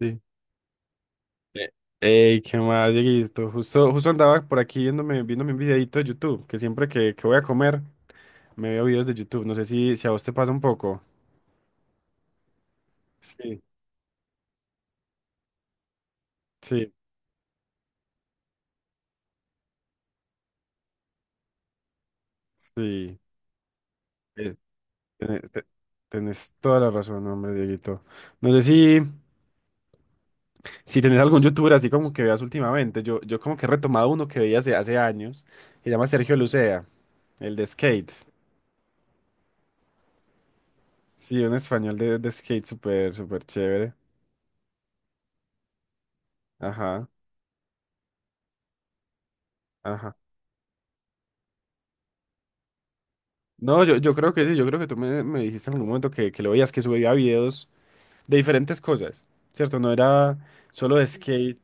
Sí. Eh, Ey, ¿qué más, Dieguito? Justo andaba por aquí viéndome un videito de YouTube, que siempre que voy a comer me veo videos de YouTube. No sé si a vos te pasa un poco. Sí, sí, sí. Eh, tenés, te- tenés toda la razón, hombre, Dieguito. No sé si tenés algún youtuber así como que veas últimamente. Yo como que he retomado uno que veía hace años, que se llama Sergio Lucea, el de skate. Sí, un español de skate súper, súper chévere. Ajá, ajá. No, yo creo que sí, yo creo que tú me dijiste en algún momento que lo veías, que subía videos de diferentes cosas, ¿cierto? No era solo de skate,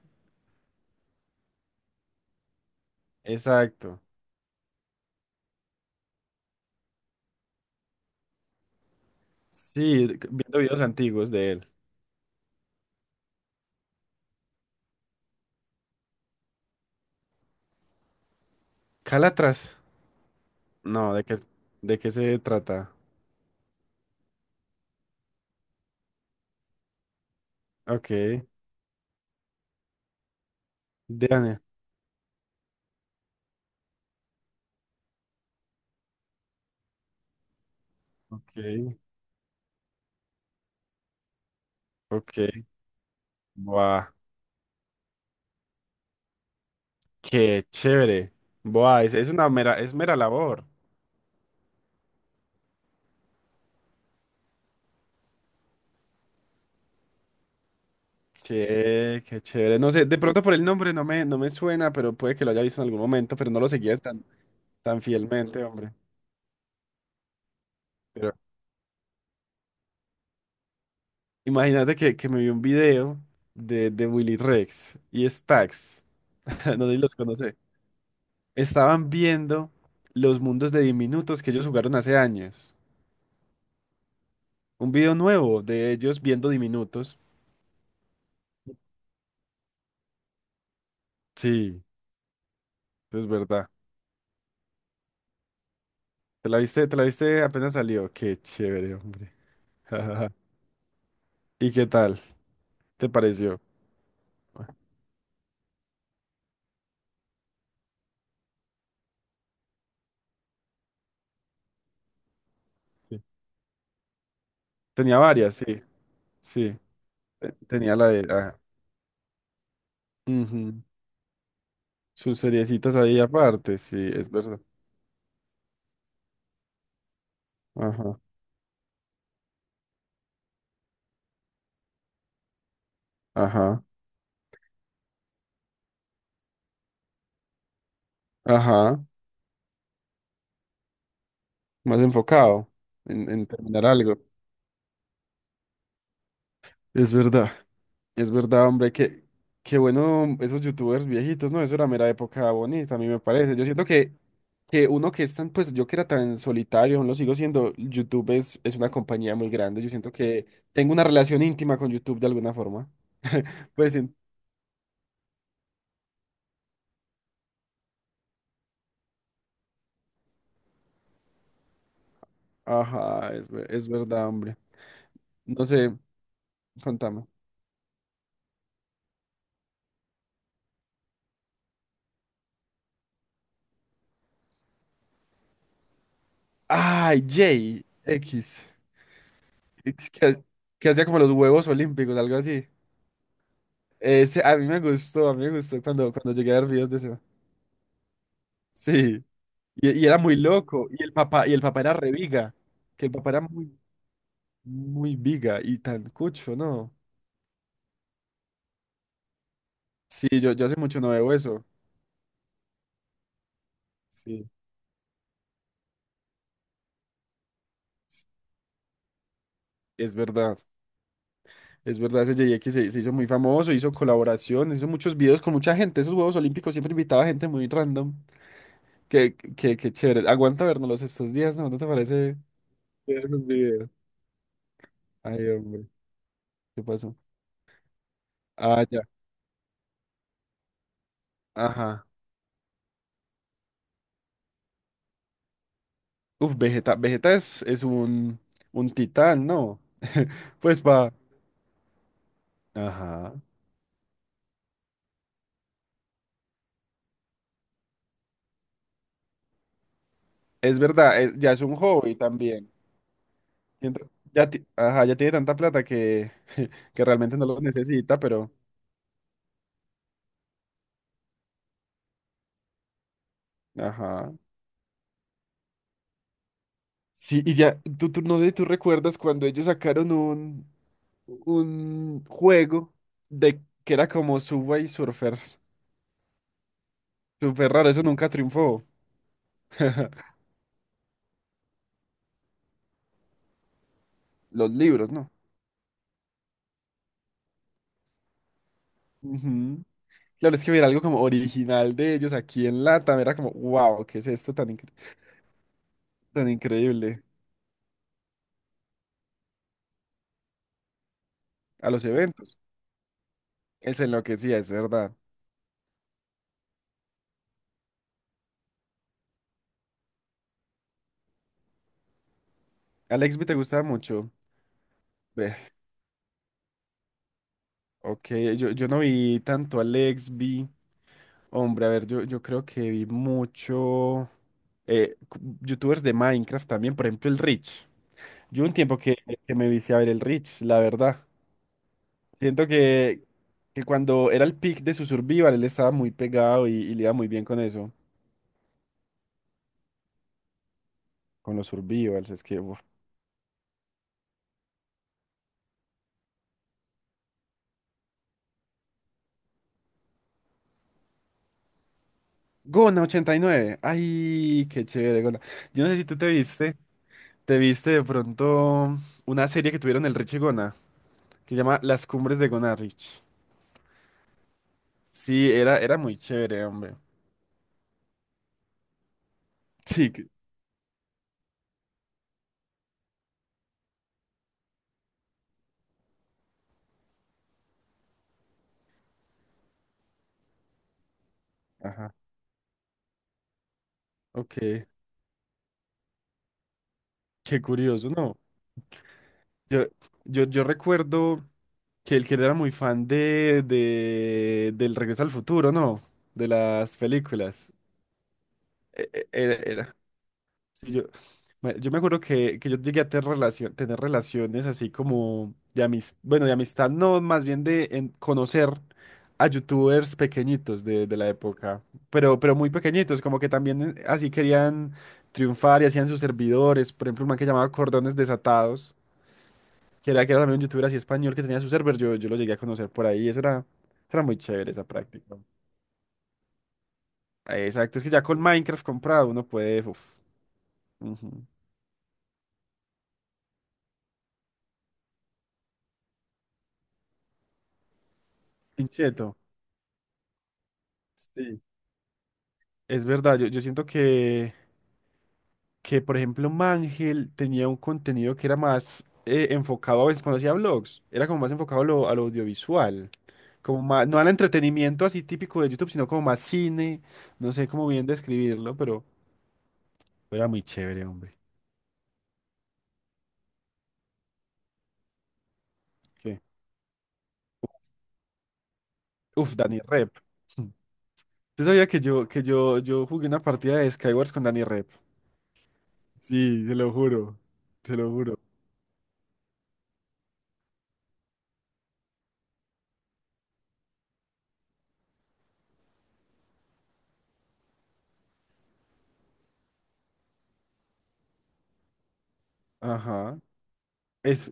exacto. Sí, viendo videos antiguos de él. Calatras, no, ¿de qué se trata? Ok, Diane, ok, ok, buah, qué chévere, buah, es mera labor, qué, qué chévere, no sé, de pronto por el nombre no me suena, pero puede que lo haya visto en algún momento, pero no lo seguía tan fielmente, hombre. Pero imagínate que me vi un video de Willy Rex y Stax. No sé si los conoce. Estaban viendo los mundos de Diminutos que ellos jugaron hace años. Un video nuevo de ellos viendo Diminutos. Sí, es verdad. Te la viste apenas salió? Qué chévere, hombre. ¿Y qué tal? ¿Te pareció? Sí. Tenía varias, sí. Sí. Tenía la de... ah, ujú. Sus seriecitas ahí aparte, sí, es verdad. Ajá. Ajá. Ajá, más enfocado en terminar algo. Es verdad, es verdad, hombre, que qué bueno esos youtubers viejitos, ¿no? Eso era mera época bonita, a mí me parece. Yo siento que uno que es tan, pues yo que era tan solitario, aún lo sigo siendo, YouTube es una compañía muy grande. Yo siento que tengo una relación íntima con YouTube de alguna forma. Pues, en- ajá, es verdad, hombre. No sé, contame. Ay, J X, que, ha- que hacía como los huevos olímpicos, algo así. Ese, a mí me gustó cuando, cuando llegué a ver videos de eso. Sí, y era muy loco, y el papá era reviga, que el papá era muy viga y tan cucho, ¿no? Sí, yo hace mucho no veo eso. Sí, es verdad, es verdad, ese JX se hizo muy famoso, hizo colaboraciones, hizo muchos videos con mucha gente, esos Juegos Olímpicos siempre invitaba gente muy random, que chévere, aguanta vernos estos días, ¿no? ¿No te parece ver esos videos? Ay, hombre, ¿qué pasó? Ah, ya, ajá. Uf, Vegeta. Vegeta es un titán, ¿no? Pues va. Ajá. Es verdad, es- ya es un hobby también. Ya, ajá, ya tiene tanta plata que realmente no lo necesita, pero. Ajá. Sí, y ya, no sé si tú recuerdas cuando ellos sacaron un juego de que era como Subway Surfers. Súper raro, eso nunca triunfó. Los libros, ¿no? Ujú. Claro, es que ver algo como original de ellos aquí en Latam era como, wow, ¿qué es esto tan increíble? A los eventos. Es se enloquecía, es verdad. A Lexby te gustaba mucho. Ve, ok, yo no vi tanto a Lexby. Hombre, a ver, yo creo que vi mucho youtubers de Minecraft también, por ejemplo, el Rich. Yo un tiempo que me vicié a ver el Rich, la verdad. Siento que cuando era el peak de su survival, él estaba muy pegado y le iba muy bien con eso con los survivals, es que uf, Gona89, ay, qué chévere, Gona. Yo no sé si tú te viste de pronto una serie que tuvieron el Rich y Gona, que se llama Las Cumbres de Gona Rich. Sí, era, era muy chévere, hombre. Sí, que- ajá. Ok, qué curioso, ¿no? Yo, yo recuerdo que el que era muy fan de, del Regreso al Futuro, ¿no? De las películas. E- e- Era, era- Sí, yo me acuerdo que yo llegué a tener, tener relaciones así como de amistad, bueno, de amistad no, más bien de conocer a youtubers pequeñitos de la época, pero muy pequeñitos, como que también así querían triunfar y hacían sus servidores, por ejemplo, un man que llamaba Cordones Desatados, que era también un youtuber así español que tenía su server, yo lo llegué a conocer por ahí, eso era, era muy chévere esa práctica. Exacto, es que ya con Minecraft comprado uno puede, uff, ujú, inquieto. Es verdad, yo siento que, por ejemplo, Mangel tenía un contenido que era más enfocado a veces cuando hacía vlogs, era como más enfocado a lo audiovisual, como más, no al entretenimiento así típico de YouTube, sino como más cine, no sé cómo bien describirlo, pero era muy chévere, hombre. ¿Qué? Uf, Danny Rep. ¿Tú sabías que yo jugué una partida de Skywars con Danny Rep? Sí, se lo juro, se lo juro. Ajá. Es,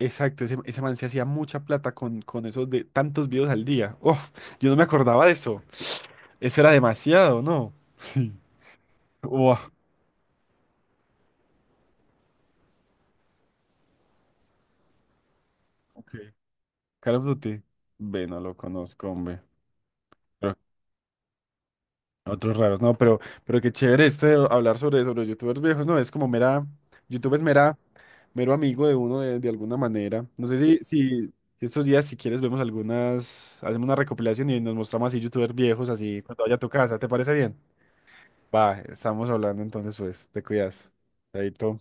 Exacto, ese man se hacía mucha plata con esos de tantos videos al día. Uf, yo no me acordaba de eso. Eso era demasiado, ¿no? Wow. Ok. Call of Duty. Ve, no lo conozco, hombre. Pero otros raros, no, pero qué chévere este de hablar sobre los youtubers viejos, ¿no? Es como mera, YouTube es mero amigo de uno de alguna manera. No sé si estos días, si quieres, vemos algunas, hacemos una recopilación y nos mostramos así youtubers viejos, así cuando vaya a tu casa. ¿Te parece bien? Va, estamos hablando entonces, pues, te cuidas. Chaito.